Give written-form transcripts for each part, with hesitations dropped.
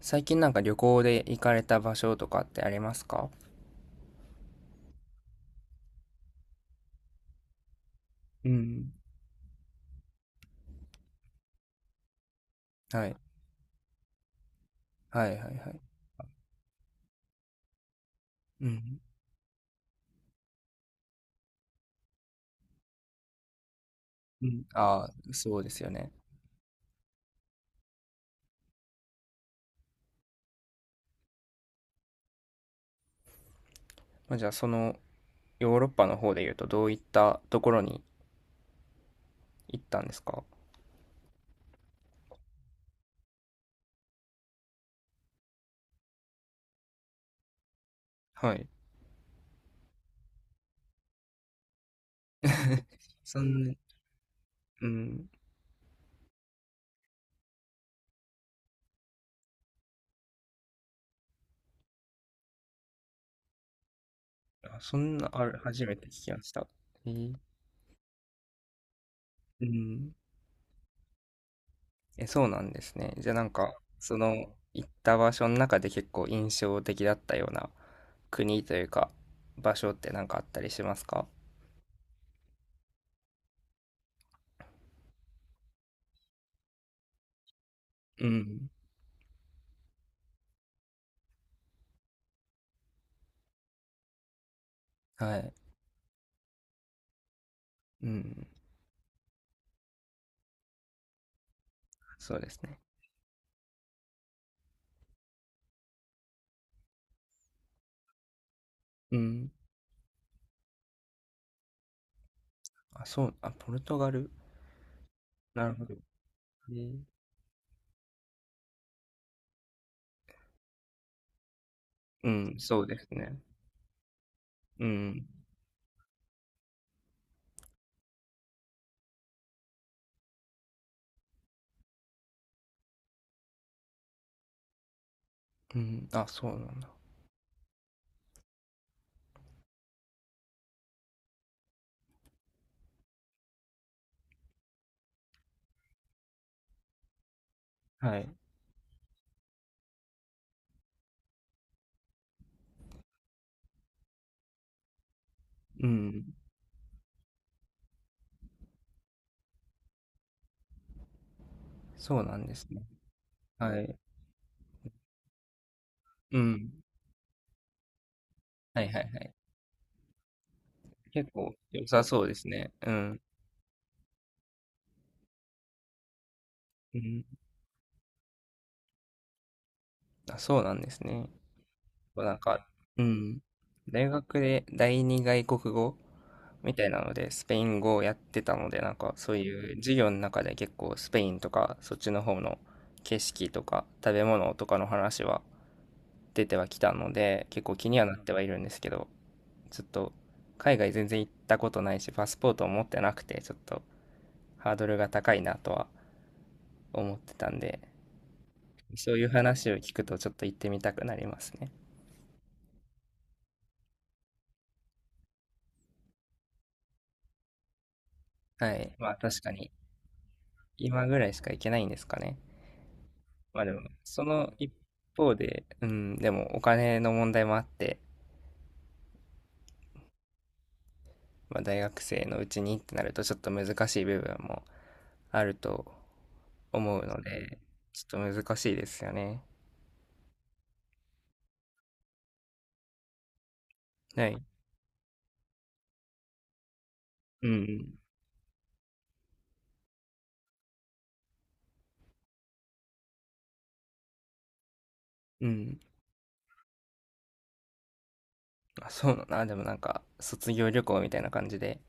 最近なんか旅行で行かれた場所とかってありますか？うん、はい。はいはいはい。うん、うん。ああ、そうですよね。まあ、じゃあそのヨーロッパの方で言うとどういったところに行ったんですか？はい。そんな、うん。あ、そんな、ある、初めて聞きました。えー、うん。え、そうなんですね。じゃあなんか、その行った場所の中で結構印象的だったような国というか場所ってなんかあったりしますか？うん、はい。うん。そうですね。うん。あ、そう、あ、ポルトガル。なるほど。ね、うん、そうですね。うん。うん。あ、そうなんだ。はい。うん。そうなんですね。はい。うん。はいはいはい。結構良さそうですね。うん。うん。あ、そうなんですね。そうなんか、うん。大学で第二外国語みたいなので、スペイン語をやってたので、なんかそういう授業の中で結構スペインとか、そっちの方の景色とか食べ物とかの話は出てはきたので、結構気にはなってはいるんですけど、ちょっと海外全然行ったことないし、パスポートを持ってなくて、ちょっとハードルが高いなとは思ってたんで、そういう話を聞くとちょっと行ってみたくなりますね。はい。まあ確かに今ぐらいしか行けないんですかね。まあでも、その一方で、うん、でもお金の問題もあって、まあ、大学生のうちにってなるとちょっと難しい部分もあると思うので、ちょっと難しいですよね。はい。うん。うん。あ、そうだな。でもなんか、卒業旅行みたいな感じで、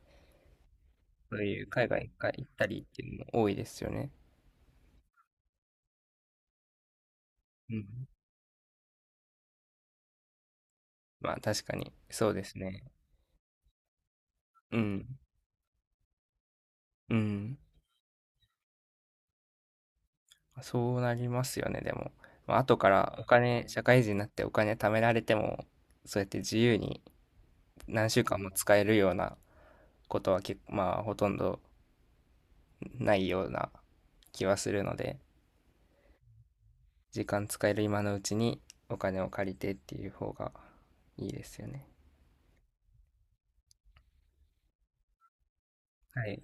そういう海外一回行ったりっていうのも多いですよね。うん。まあ確かに、そうですね。うん。うん。そうなりますよね、でも。まあ、後からお金、社会人になってお金貯められても、そうやって自由に何週間も使えるようなことは結構、まあ、ほとんどないような気はするので、時間使える今のうちにお金を借りてっていう方がいいですよね。はい。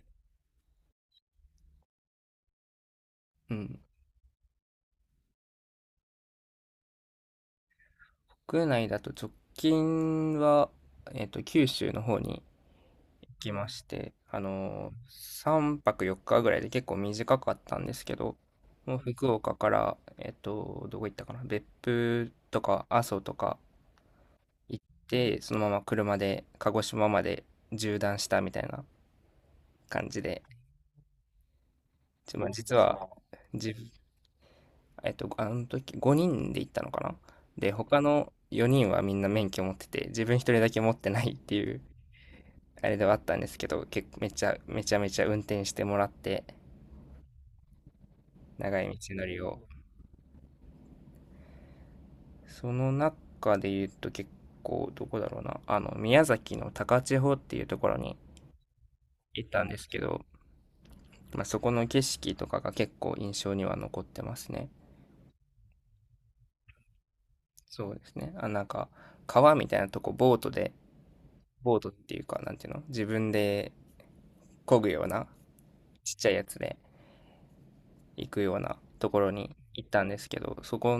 うん。国内だと直近は、九州の方にきまして、3泊4日ぐらいで結構短かったんですけど、もう福岡から、どこ行ったかな、別府とか阿蘇とか行って、そのまま車で鹿児島まで縦断したみたいな感じで、まあ、実は、じ、あの時5人で行ったのかな。で、他の4人はみんな免許持ってて、自分一人だけ持ってないっていう、あれではあったんですけど、結構めちゃめちゃ運転してもらって、長い道のりを。その中で言うと結構どこだろうな。宮崎の高千穂っていうところに行ったんですけど、まあ、そこの景色とかが結構印象には残ってますね。そうですね。あ、なんか、川みたいなとこボートで、ボートっていうか、なんていうの、自分で漕ぐようなちっちゃいやつで行くようなところに行ったんですけど、そこ、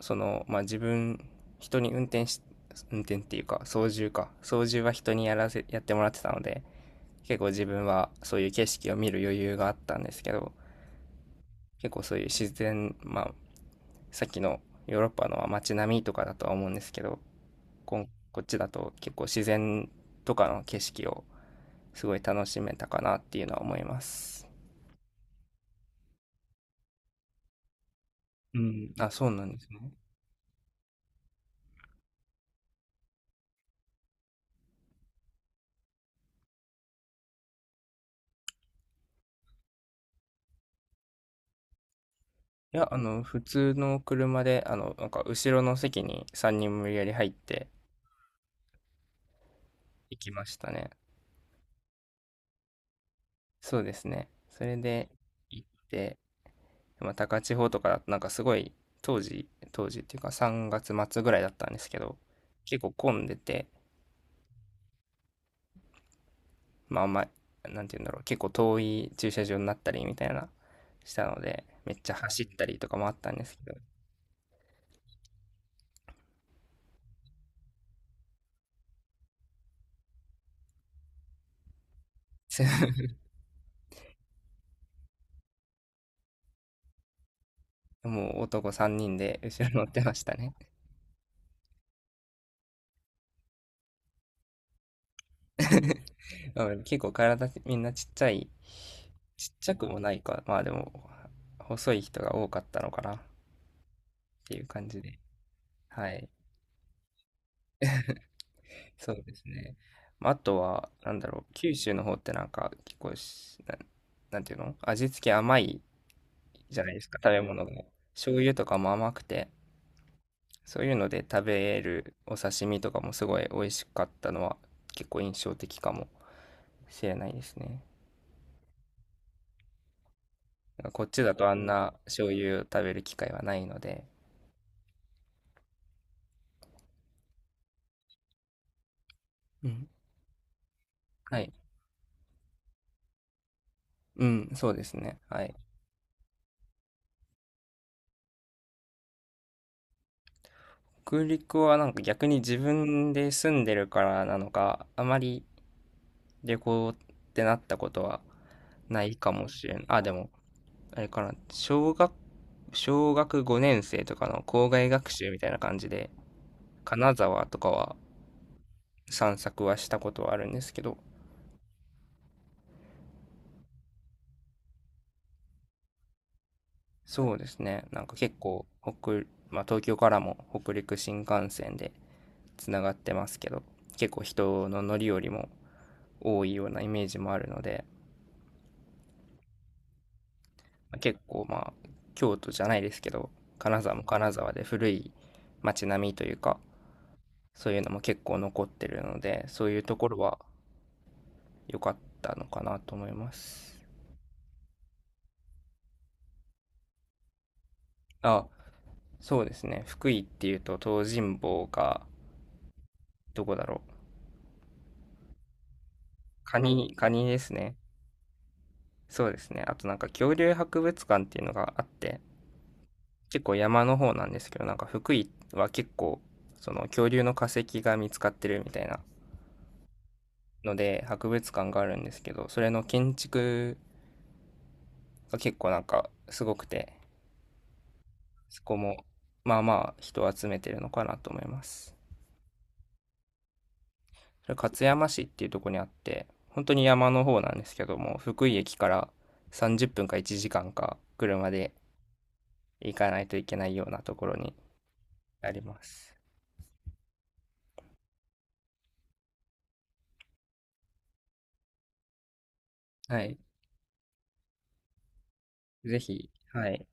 その、まあ、自分、人に運転し、運転っていうか、操縦か。操縦は人にやらせ、やってもらってたので、結構自分はそういう景色を見る余裕があったんですけど、結構そういう自然、まあ、さっきのヨーロッパのは街並みとかだとは思うんですけど、ここっちだと結構自然とかの景色をすごい楽しめたかなっていうのは思います。うん、あ、そうなんですね。いや、普通の車で、なんか、後ろの席に3人無理やり入って行きましたね。そうですね。それで行って、まあ、高千穂とかだと、なんかすごい、当時、当時っていうか3月末ぐらいだったんですけど、結構混んでて、まあ、あんま、なんて言うんだろう、結構遠い駐車場になったりみたいな、したので、めっちゃ走ったりとかもあったんですけど、もう男3人で後ろ乗ってましたね。まあ結構体みんなちっちゃい、ちっちゃくもないか、まあでも、細い人が多かったのかなっていう感じで。はい。そうですね。まあ、あとは、なんだろう、九州の方ってなんか、結構し、なん、なんていうの、味付け甘いじゃないですか、食べ物が。醤油とかも甘くて、そういうので食べるお刺身とかもすごい美味しかったのは、結構印象的かもしれないですね。こっちだとあんな醤油を食べる機会はないので。うん。はい。うん、そうですね。はい。北陸はなんか逆に自分で住んでるからなのか、あまり旅行ってなったことはないかもしれん。あ、でも、あれかな、小学5年生とかの校外学習みたいな感じで、金沢とかは散策はしたことはあるんですけど、そうですね、なんか結構北、まあ、東京からも北陸新幹線でつながってますけど、結構人の乗り降りも多いようなイメージもあるので、まあ結構、まあ京都じゃないですけど、金沢も金沢で古い街並みというか、そういうのも結構残ってるので、そういうところは良かったのかなと思います。あ、そうですね、福井っていうと東尋坊がどこだろう。カニカニですね。そうですね、あとなんか恐竜博物館っていうのがあって、結構山の方なんですけど、なんか福井は結構その恐竜の化石が見つかってるみたいなので博物館があるんですけど、それの建築が結構なんかすごくて、そこもまあまあ人を集めてるのかなと思います。それ勝山市っていうところにあって、本当に山の方なんですけども、福井駅から30分か1時間か車で行かないといけないようなところにあります。はい。ぜひ、はい。